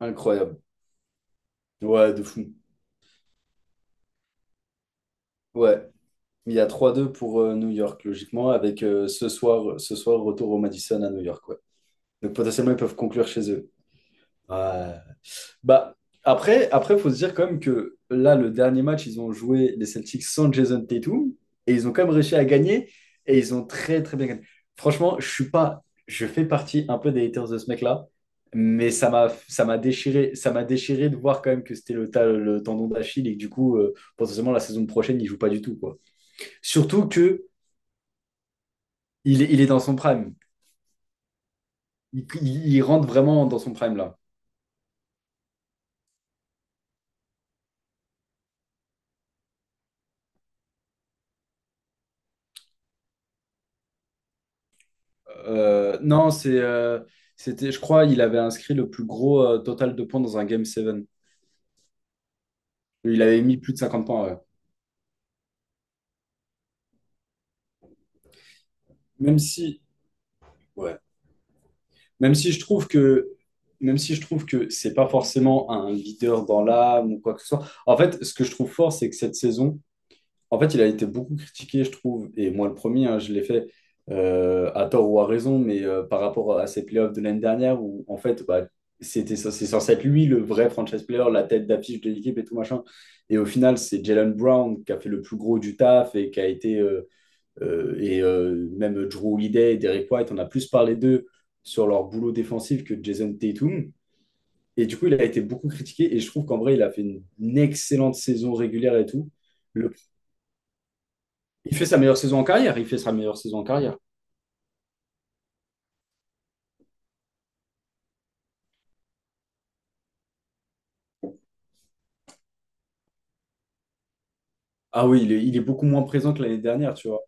Incroyable. Ouais, de fou. Ouais. Il y a 3-2 pour New York, logiquement, avec ce soir, retour au Madison à New York. Ouais. Donc potentiellement, ils peuvent conclure chez eux. Ouais. Bah, après, faut se dire quand même que là, le dernier match, ils ont joué les Celtics sans Jason Tatum et ils ont quand même réussi à gagner et ils ont très très bien gagné. Franchement, je suis pas, je fais partie un peu des haters de ce mec-là, mais ça m'a déchiré de voir quand même que c'était le tendon d'Achille et que du coup, potentiellement la saison prochaine, il joue pas du tout quoi. Surtout que il est dans son prime, il rentre vraiment dans son prime là. Non, c'est, c'était, Je crois, il avait inscrit le plus gros total de points dans un Game 7. Il avait mis plus de 50 points, ouais. Même si, ouais. Même si je trouve que, Même si je trouve que c'est pas forcément un leader dans l'âme ou quoi que ce soit. En fait, ce que je trouve fort, c'est que cette saison, en fait, il a été beaucoup critiqué, je trouve, et moi le premier, hein, je l'ai fait à tort ou à raison, mais par rapport à ses playoffs de l'année dernière où, en fait, bah, c'est censé être lui le vrai franchise player, la tête d'affiche de l'équipe et tout machin. Et au final, c'est Jalen Brown qui a fait le plus gros du taf et qui a été. Même Drew Holiday et Derrick White, on a plus parlé d'eux sur leur boulot défensif que Jason Tatum. Et du coup, il a été beaucoup critiqué et je trouve qu'en vrai, il a fait une excellente saison régulière et tout. Il fait sa meilleure saison en carrière, il fait sa meilleure saison en carrière. Ah oui, il est beaucoup moins présent que l'année dernière, tu vois.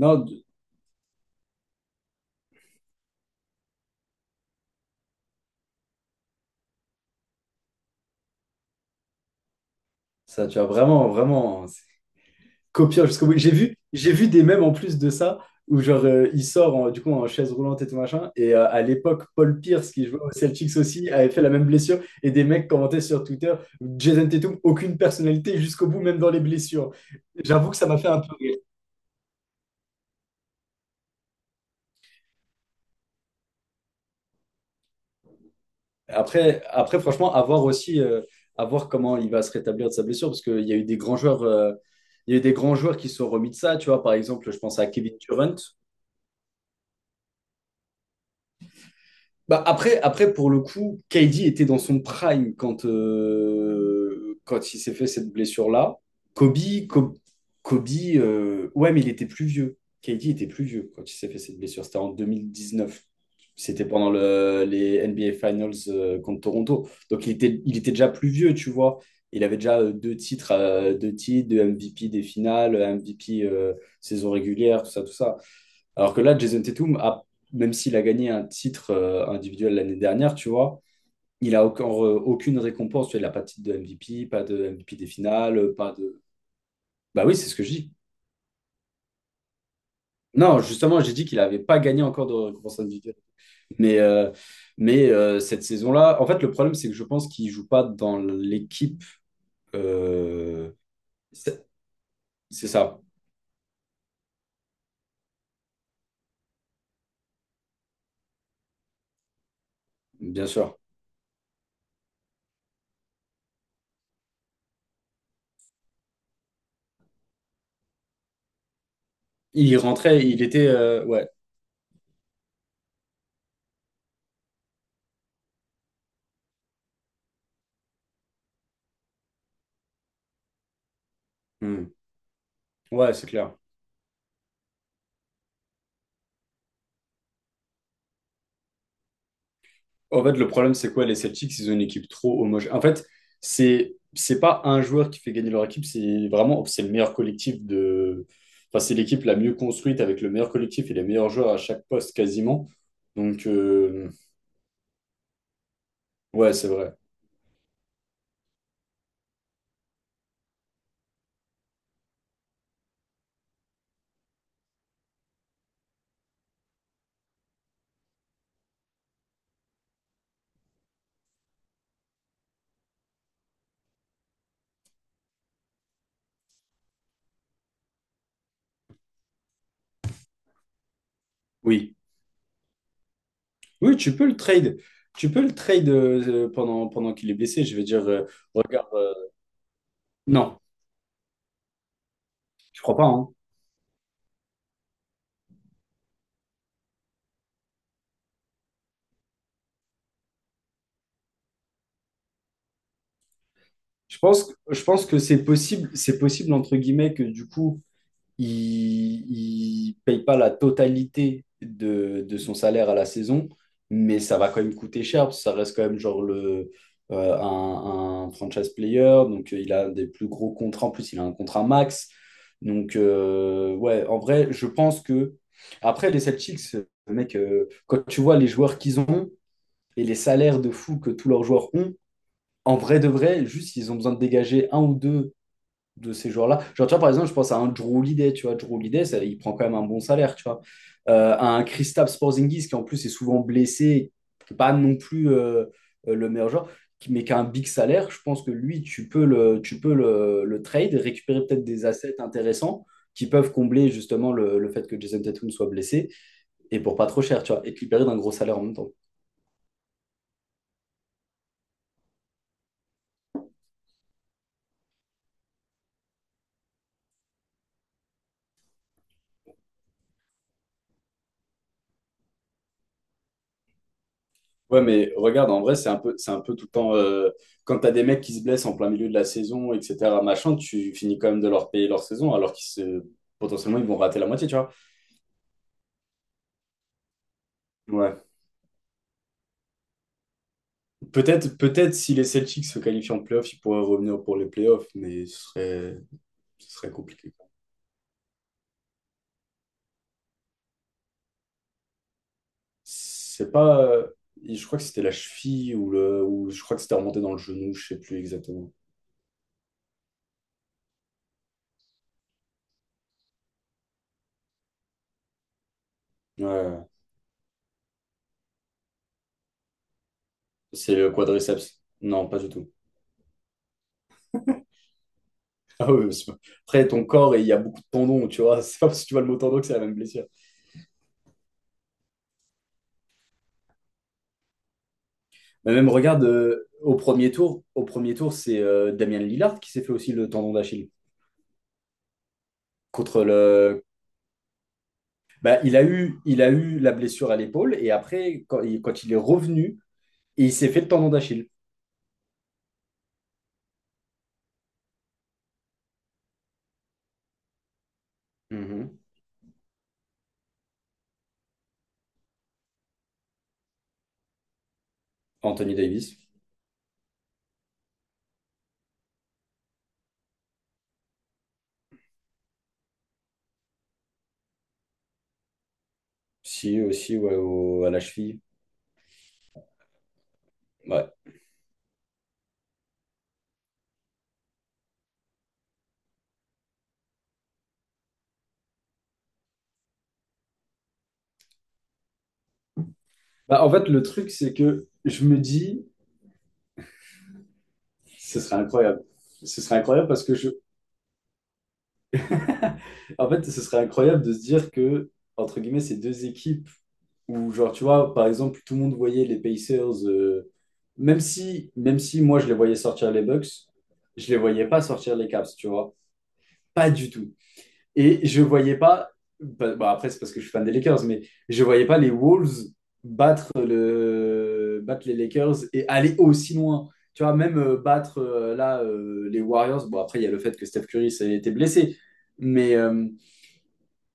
Non, d- Ça, tu vois, vraiment, vraiment, c'est copiant jusqu'au bout. J'ai vu des mèmes en plus de ça, où genre, il sort du coup en chaise roulante et tout machin, et à l'époque, Paul Pierce, qui jouait aux Celtics aussi, avait fait la même blessure, et des mecs commentaient sur Twitter: Jason Tatum, aucune personnalité jusqu'au bout, même dans les blessures. J'avoue que ça m'a fait un peu rire. Après, franchement, à voir aussi, à voir comment il va se rétablir de sa blessure, parce qu'il y a eu des grands joueurs qui se sont remis de ça, tu vois. Par exemple, je pense à Kevin Durant. Bah après, pour le coup, KD était dans son prime quand il s'est fait cette blessure-là. Kobe, Co- Kobe, ouais, mais il était plus vieux. KD était plus vieux quand il s'est fait cette blessure. C'était en 2019. C'était pendant les NBA Finals contre Toronto. Donc il était déjà plus vieux, tu vois. Il avait déjà deux titres, deux MVP des finales, MVP saison régulière, tout ça, tout ça. Alors que là, Jason Tatum a, même s'il a gagné un titre individuel l'année dernière, tu vois, il a encore aucune récompense. Tu vois, il n'a pas de titre de MVP, pas de MVP des finales, pas de. Bah oui, c'est ce que je dis. Non, justement, j'ai dit qu'il n'avait pas gagné encore de récompense individuelle. Mais, euh, mais cette saison-là, en fait, le problème, c'est que je pense qu'il ne joue pas dans l'équipe. euh, C'est c'est ça, bien sûr. Il y rentrait, il était. Ouais. Hmm. Ouais, c'est clair. En fait, le problème, c'est quoi? Les Celtics, ils ont une équipe trop homogène. En fait, c'est pas un joueur qui fait gagner leur équipe, c'est vraiment c'est le meilleur collectif de. Enfin, c'est l'équipe la mieux construite avec le meilleur collectif et les meilleurs joueurs à chaque poste quasiment. Donc, ouais, c'est vrai. Oui. Oui, tu peux le trade. Tu peux le trade pendant qu'il est blessé. Je veux dire, regarde. Non, je crois pas. Hein. Je pense que c'est possible, entre guillemets, que du coup il ne paye pas la totalité de son salaire à la saison, mais ça va quand même coûter cher, parce que ça reste quand même genre un franchise player, donc il a des plus gros contrats, en plus il a un contrat max. Donc ouais, en vrai, je pense que... Après, les Celtics, mec, quand tu vois les joueurs qu'ils ont et les salaires de fou que tous leurs joueurs ont, en vrai de vrai, juste ils ont besoin de dégager un ou deux de ces joueurs-là. Genre, tu vois, par exemple, je pense à un Drew Holiday, tu vois, Drew Holiday, ça, il prend quand même un bon salaire, tu vois. À un Kristaps Porzingis qui, en plus, est souvent blessé, qui est pas non plus le meilleur joueur, mais qui a un big salaire, je pense que lui, tu peux le trade, récupérer peut-être des assets intéressants qui peuvent combler justement le fait que Jason Tatum soit blessé et pour pas trop cher, tu vois, et te libérer d'un gros salaire en même temps. Ouais, mais regarde, en vrai, c'est un peu tout le temps. Quand t'as des mecs qui se blessent en plein milieu de la saison, etc., machin, tu finis quand même de leur payer leur saison, alors qu'ils se, potentiellement, ils vont rater la moitié, tu vois. Ouais. Peut-être si les Celtics se qualifient en playoff, ils pourraient revenir pour les playoffs, mais ce serait compliqué. C'est pas. Je crois que c'était la cheville ou le, ou je crois que c'était remonté dans le genou, je sais plus exactement. Ouais. C'est le quadriceps. Non, pas du tout. Ah oui, parce que après, ton corps, et il y a beaucoup de tendons, tu vois. C'est pas parce que tu vois le mot tendon que c'est la même blessure. Mais même, regarde, au premier tour, c'est Damien Lillard qui s'est fait aussi le tendon d'Achille. Contre le... Bah, il a eu la blessure à l'épaule, et après, quand il est revenu, il s'est fait le tendon d'Achille. Mhm. Anthony Davis. Si, aussi, ouais, à la cheville. Ouais. Bah, en fait, le truc, c'est que je me dis, ce serait incroyable. Ce serait incroyable parce que je, en fait, ce serait incroyable de se dire que, entre guillemets, ces deux équipes où, genre, tu vois, par exemple, tout le monde voyait les Pacers, même si moi, je les voyais sortir les Bucks, je les voyais pas sortir les Cavs, tu vois, pas du tout. Et je voyais pas, bah, après, c'est parce que je suis fan des Lakers, mais je voyais pas les Wolves battre les Lakers et aller aussi loin. Tu vois, même battre là les Warriors. Bon, après, il y a le fait que Steph Curry ça a été blessé. Mais, euh,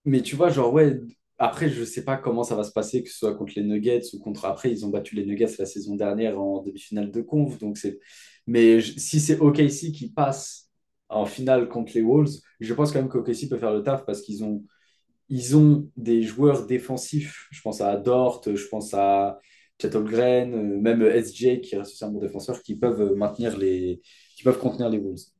mais tu vois, genre, ouais, après, je sais pas comment ça va se passer, que ce soit contre les Nuggets ou contre. Après, ils ont battu les Nuggets la saison dernière en demi-finale de conf. Donc c'est... Mais si c'est OKC qui passe en finale contre les Wolves, je pense quand même qu'OKC peut faire le taf parce qu'ils ont... Ils ont des joueurs défensifs. Je pense à Dort, je pense à Chet Holmgren, même SJ qui reste aussi un bon défenseur, qui peuvent maintenir les... qui peuvent contenir les Wolves.